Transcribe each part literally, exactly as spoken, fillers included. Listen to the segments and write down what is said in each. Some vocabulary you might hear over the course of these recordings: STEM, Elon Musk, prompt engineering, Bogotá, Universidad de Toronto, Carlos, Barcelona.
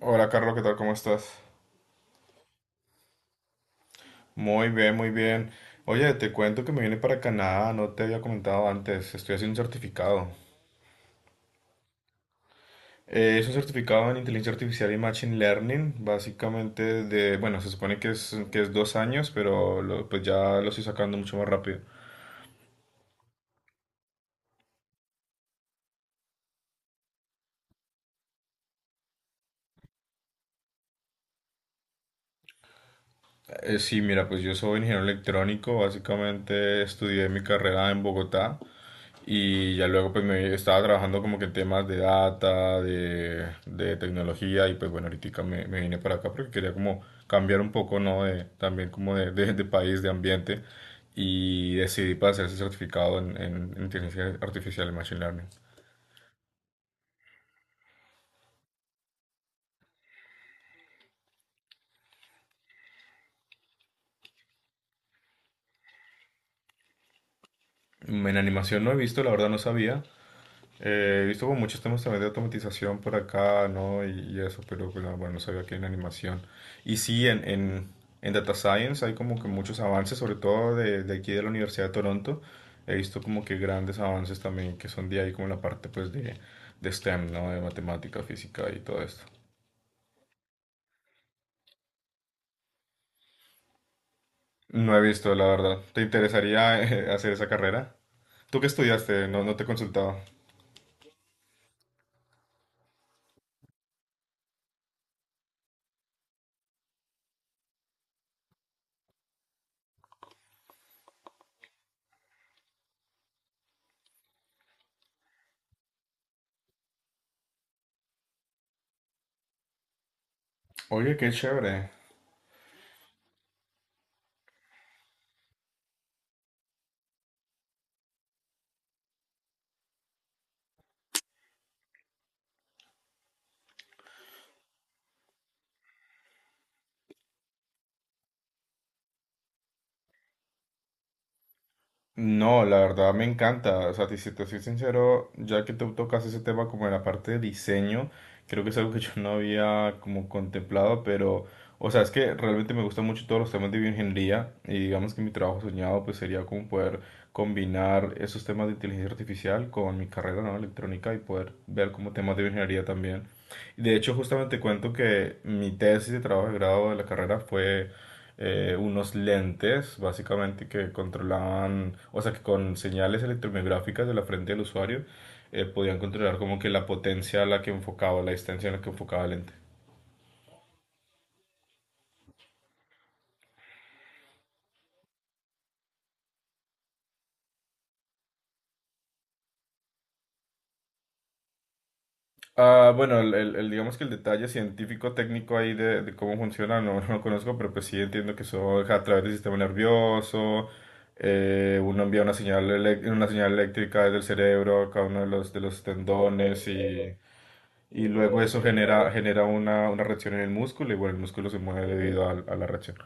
Hola Carlos, ¿qué tal? ¿Cómo estás? Muy bien, muy bien. Oye, te cuento que me vine para Canadá, no te había comentado antes, estoy haciendo un certificado. Eh, es un certificado en inteligencia artificial y machine learning, básicamente de, bueno, se supone que es, que es dos años, pero lo- pues ya lo estoy sacando mucho más rápido. Eh, sí, mira, pues yo soy ingeniero electrónico, básicamente estudié mi carrera en Bogotá y ya luego pues me estaba trabajando como que en temas de data, de, de tecnología y pues bueno, ahorita me, me vine para acá porque quería como cambiar un poco, ¿no? De, también como de, de, de país, de ambiente y decidí para hacer ese certificado en, en inteligencia artificial y machine learning. En animación no he visto, la verdad no sabía. Eh, he visto como muchos temas también de automatización por acá, ¿no? Y, y eso, pero pues, ah, bueno, no sabía que en animación. Y sí, en, en, en Data Science hay como que muchos avances, sobre todo de, de aquí de la Universidad de Toronto. He visto como que grandes avances también que son de ahí, como la parte pues de, de S T E M, ¿no? De matemática, física y todo esto. No he visto, la verdad. ¿Te interesaría eh, hacer esa carrera? ¿Tú qué estudiaste? No, no te he consultado. Oye, qué chévere. No, la verdad me encanta. O sea, te- si te soy sincero, ya que tú tocas ese tema como en la parte de diseño, creo que es algo que yo no había como contemplado, pero, o sea, es que realmente me gustan mucho todos los temas de bioingeniería y digamos que mi trabajo soñado pues sería como poder combinar esos temas de inteligencia artificial con mi carrera, ¿no? Electrónica y poder ver como temas de bioingeniería también. De hecho, justamente cuento que mi tesis de trabajo de grado de la carrera fue eh, unos lentes, básicamente, que controlaban, o sea, que con señales electromiográficas de la frente del usuario eh, podían controlar como que la potencia a la que enfocaba, la distancia a la que enfocaba el lente. Ah, bueno, el, el- el- digamos que el detalle científico técnico ahí de, de cómo funciona no, no lo conozco, pero pues sí entiendo que eso es a través del sistema nervioso, eh, uno envía una señal, elec- una señal eléctrica desde el cerebro a cada uno de los, de los tendones y, y luego eso genera, genera una, una reacción en el músculo y bueno, el músculo se mueve debido a, a la reacción.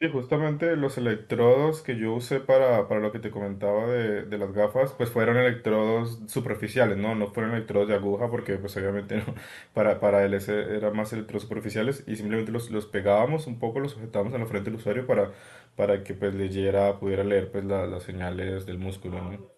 Sí, justamente los electrodos que yo usé para, para lo que te comentaba de, de las gafas, pues fueron electrodos superficiales, ¿no? No fueron electrodos de aguja porque pues obviamente no, para, para él ese eran más electrodos superficiales y simplemente los, los pegábamos un poco, los sujetábamos en la frente del usuario para, para que pues leyera, pudiera leer pues la- las señales del músculo, ¿no?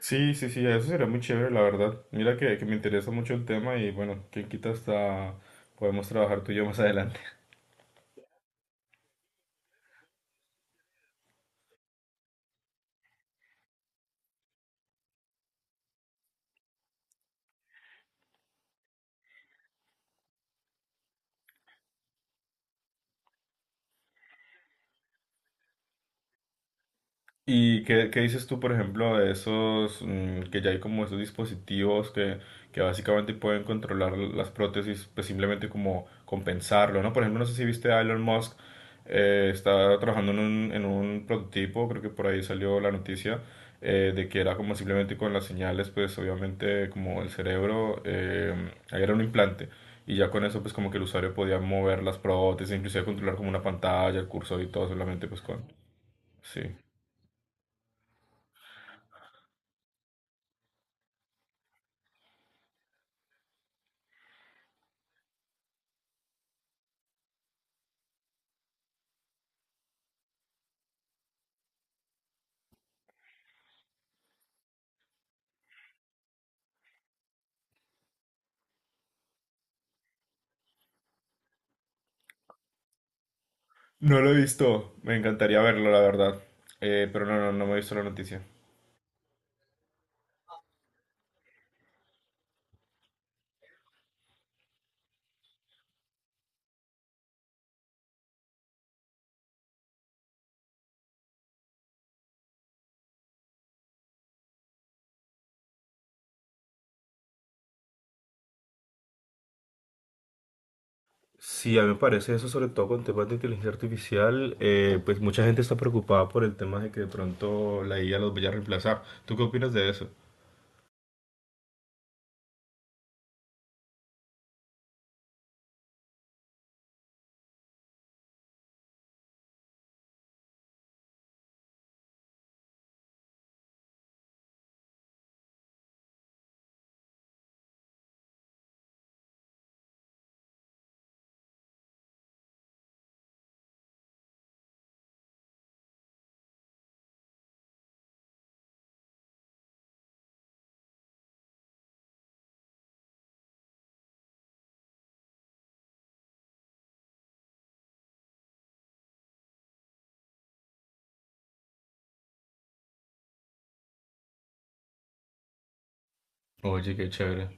Sí, sí, sí, eso sería muy chévere, la verdad. Mira que, que me interesa mucho el tema y bueno, quién quita hasta podemos trabajar tú y yo más adelante. ¿Y qué, qué dices tú, por ejemplo, de esos, mm, que ya hay como esos dispositivos que, que básicamente pueden controlar las prótesis, pues simplemente como compensarlo, ¿no? Por ejemplo, no sé si viste a Elon Musk, eh, está trabajando en un, en un prototipo, creo que por ahí salió la noticia, eh, de que era como simplemente con las señales, pues obviamente como el cerebro, eh, ahí era un implante. Y ya con eso, pues como que el usuario podía mover las prótesis, inclusive controlar como una pantalla, el cursor y todo, solamente pues con... Sí. No lo he visto, me encantaría verlo, la verdad. Eh, pero no, no, no me he visto la noticia. Sí, a mí me parece eso, sobre todo con temas de inteligencia artificial, eh, pues mucha gente está preocupada por el tema de que de pronto la I A los vaya a reemplazar. ¿Tú qué opinas de eso? Oye, qué chévere.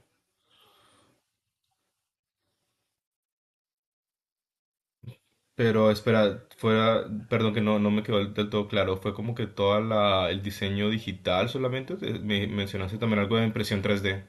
Pero espera, fuera, perdón que no, no me quedó del todo claro, fue como que toda la, el diseño digital solamente. Te- me mencionaste también algo de impresión tres D.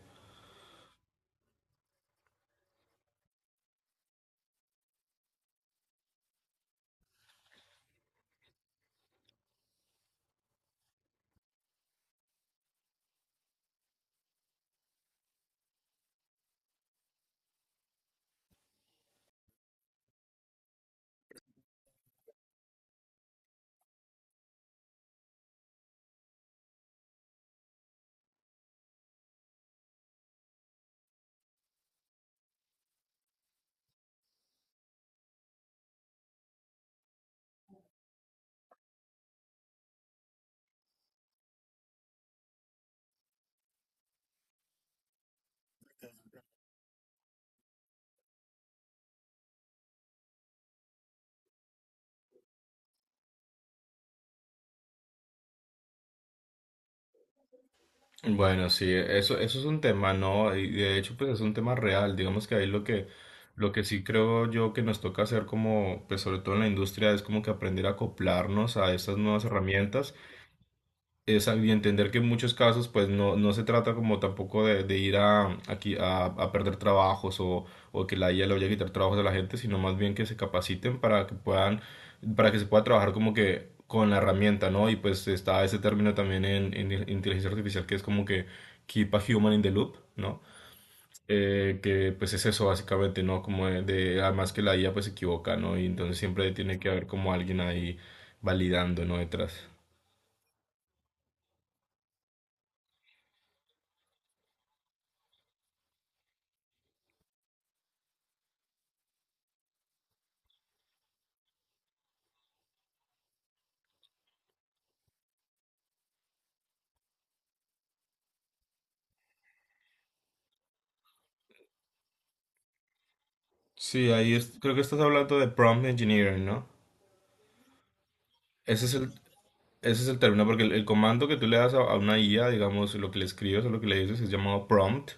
Bueno, sí, eso, eso es un tema, ¿no? Y de hecho, pues es un tema real. Digamos que ahí lo que, lo que sí creo yo que nos toca hacer como, pues sobre todo en la industria, es como que aprender a acoplarnos a estas nuevas herramientas es, y entender que en muchos casos pues no, no se trata como tampoco de, de ir a, aquí, a, a perder trabajos o, o que la I A le vaya a quitar trabajos a la gente, sino más bien que se capaciten para que puedan, para que se pueda trabajar como que con la herramienta, ¿no? Y pues está ese término también en, en inteligencia artificial que es como que keep a human in the loop, ¿no? Eh, que pues es eso básicamente, ¿no? Como de, de- además que la I A pues se equivoca, ¿no? Y entonces siempre tiene que haber como alguien ahí validando, ¿no? Detrás. Sí, ahí es- creo que estás hablando de prompt engineering, ¿no? Ese es el, ese es el término, porque el, el comando que tú le das a, a una I A, digamos, lo que le escribes o lo que le dices es llamado prompt,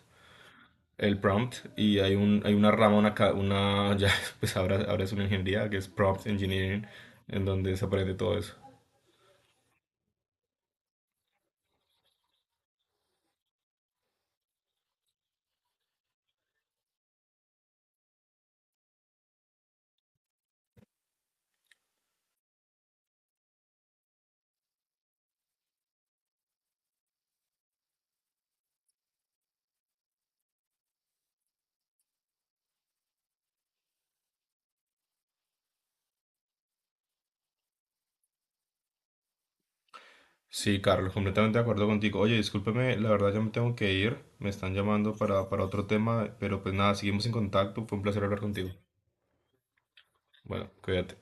el prompt, y hay un, hay una rama, una, ca- una ya, pues ahora, ahora es una ingeniería que es prompt engineering, en donde se aprende todo eso. Sí, Carlos, completamente de acuerdo contigo. Oye, discúlpeme, la verdad ya me tengo que ir, me están llamando para, para otro tema, pero pues nada, seguimos en contacto, fue un placer hablar contigo. Bueno, cuídate.